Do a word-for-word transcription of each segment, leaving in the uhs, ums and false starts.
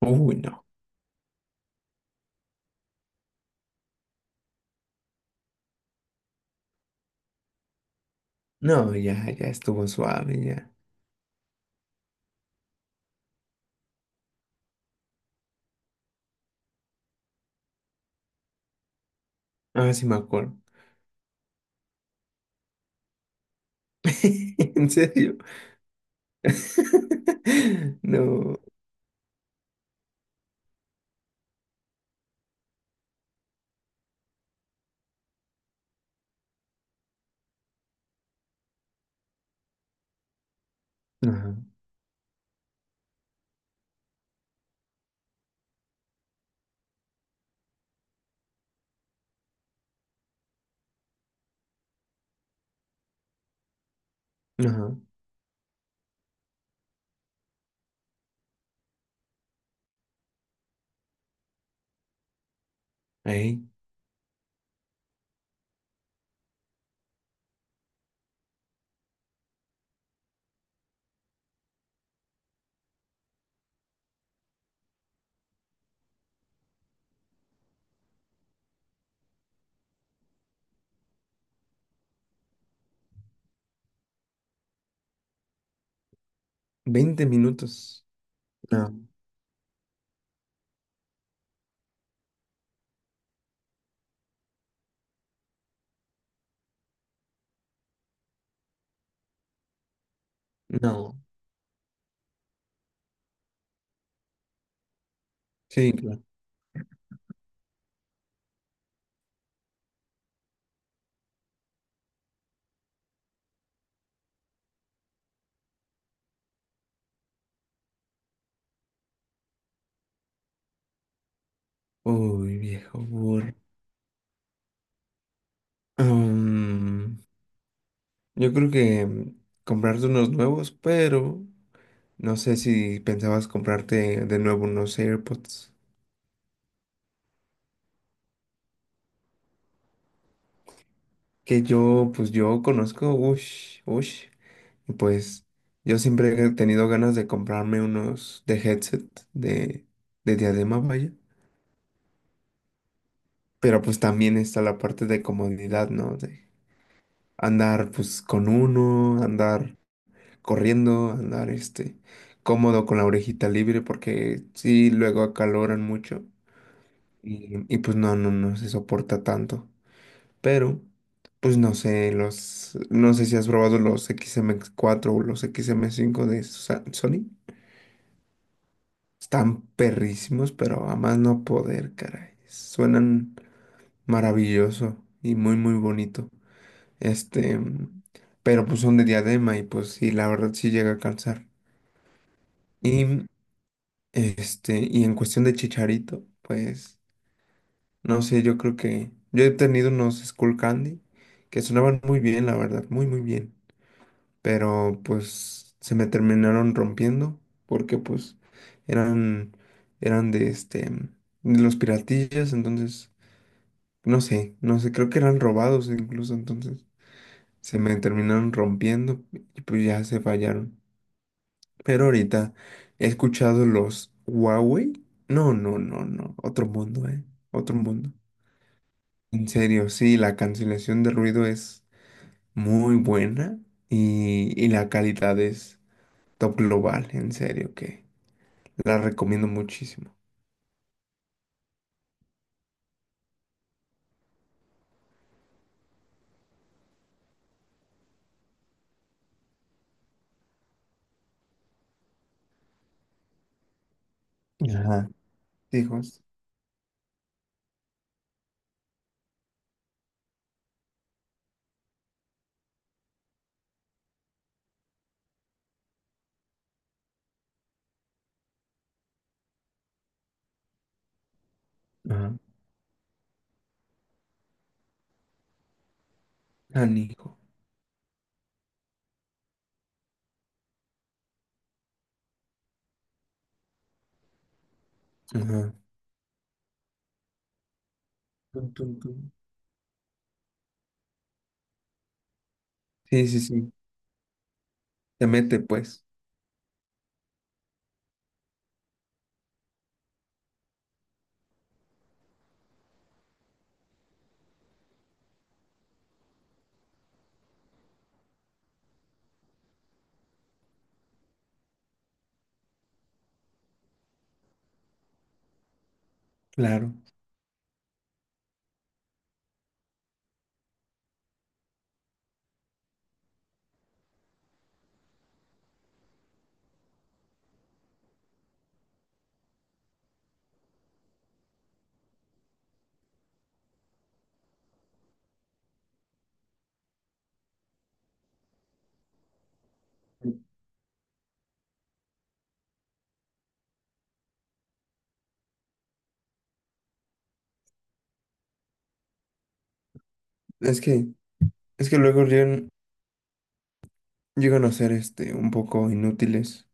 Uy, no. No, ya, ya estuvo suave, ya. Ah, sí me acuerdo. ¿En serio? No. Ajá, ajá. Ahí, veinte minutos. No, no. Sí, claro. Uy, viejo burro. Mm, yo creo que mm, comprarte unos nuevos, pero no sé si pensabas comprarte de nuevo unos AirPods. Que yo, pues yo conozco, ush, ush. Y pues yo siempre he tenido ganas de comprarme unos de headset de, de diadema, vaya. Pero pues también está la parte de comodidad, ¿no? De andar pues con uno, andar corriendo, andar este cómodo con la orejita libre porque sí luego acaloran mucho y, y pues no, no, no se soporta tanto. Pero pues no sé, los, no sé si has probado los equis eme cuatro o los equis eme cinco de Sa- Sony. Están perrísimos, pero a más no poder, caray. Suenan maravilloso y muy, muy bonito. Este, mm, pero pues son de diadema y pues sí, la verdad sí llega a cansar. Y este, y en cuestión de Chicharito, pues no sé, yo creo que yo he tenido unos Skull Candy que sonaban muy bien, la verdad, muy, muy bien. Pero pues se me terminaron rompiendo porque pues eran eran de este de los piratillas, entonces no sé, no sé, creo que eran robados incluso, entonces se me terminaron rompiendo y pues ya se fallaron. Pero ahorita he escuchado los Huawei. No, no, no, no, otro mundo, eh, otro mundo. En serio, sí, la cancelación de ruido es muy buena y, y la calidad es Top Global, en serio, que la recomiendo muchísimo. Ajá. Hijos. Ajá. Canijo. Ajá. Tun, tun, tun. Sí, sí, sí. Te mete, pues. Claro. Es que, es que luego llegan, llegan a ser este un poco inútiles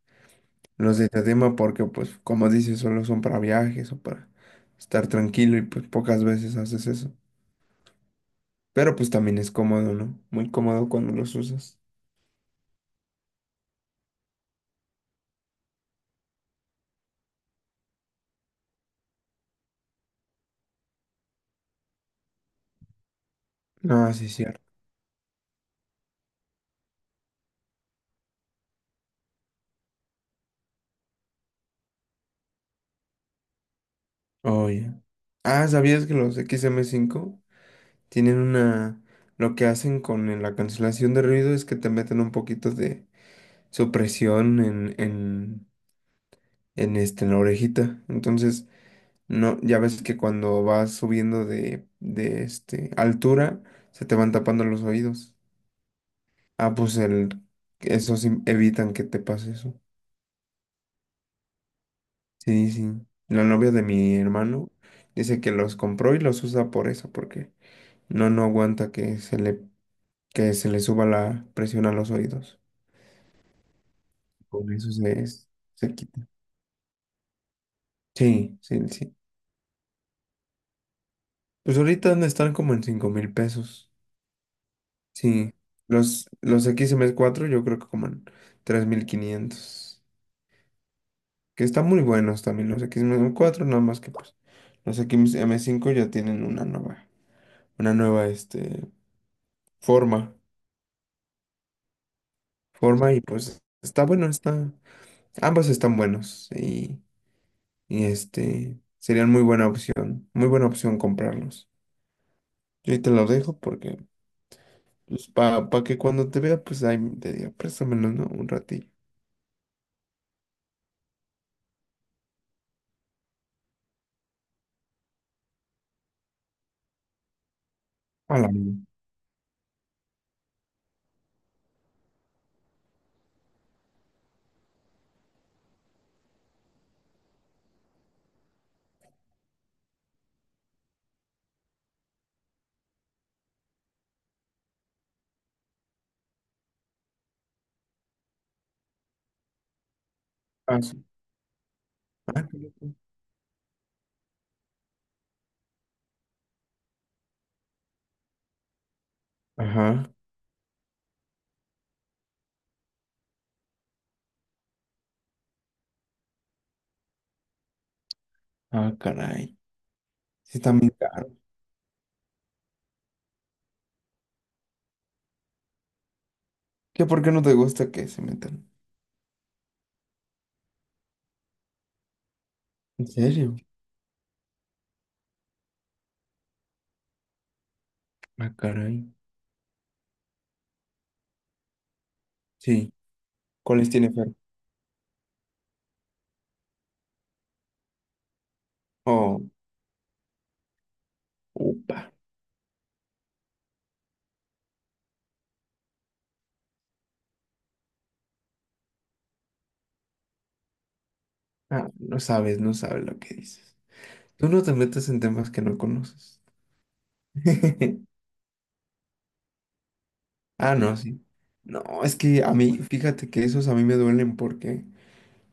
los de este tema porque, pues, como dices, solo son para viajes o para estar tranquilo y pues pocas veces haces eso. Pero pues también es cómodo, ¿no? Muy cómodo cuando los usas. Ah, sí, cierto. Oye. Ah, ¿sabías que los equis eme cinco tienen una... Lo que hacen con el- la cancelación de ruido es que te meten un poquito de supresión en, en, en, este, en la orejita. Entonces, no, ya ves que cuando vas subiendo de, de este, altura, se te van tapando los oídos. Ah, pues el, esos im- evitan que te pase eso. Sí, sí. La novia de mi hermano dice que los compró y los usa por eso, porque no, no aguanta que se le, que se le suba la presión a los oídos. Con eso se, se quita. Sí, sí, sí. Pues ahorita dónde están como en cinco mil pesos. Sí. Los, los equis eme cuatro yo creo que como en tres mil quinientos. Que están muy buenos también los equis eme cuatro nada más que pues los equis eme cinco ya tienen una nueva, una nueva este, forma. Forma y pues está bueno, está. Ambos están buenos y, y este serían muy buena opción. Muy buena opción comprarlos. Yo ahí te lo dejo porque pues para que cuando te vea, pues ahí te diga, préstamelo, ¿no? Un ratillo. A la mía. Ah, sí. Ah, ajá. Ah, caray. Sí, está muy caro. ¿Qué por qué no te gusta que se metan? ¿En serio? Ah, caray. Sí. ¿Cuáles tiene Fer? Oh, upa. Ah, no sabes, no sabes lo que dices. Tú no te metes en temas que no conoces. Ah, no, sí. No, es que a mí, fíjate que esos a mí me duelen porque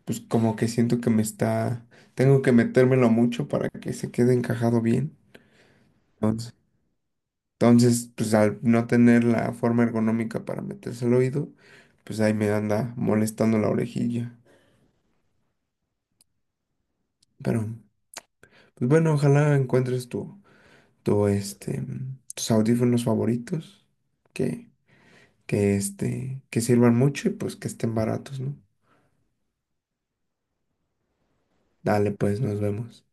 pues como que siento que me está, tengo que metérmelo mucho para que se quede encajado bien. Entonces, entonces, pues al no tener la forma ergonómica para meterse al oído, pues ahí me anda molestando la orejilla. Pero, pues bueno, ojalá encuentres tu, tu, este, tus audífonos favoritos, que, que este, que sirvan mucho y pues que estén baratos, ¿no? Dale, pues, nos vemos.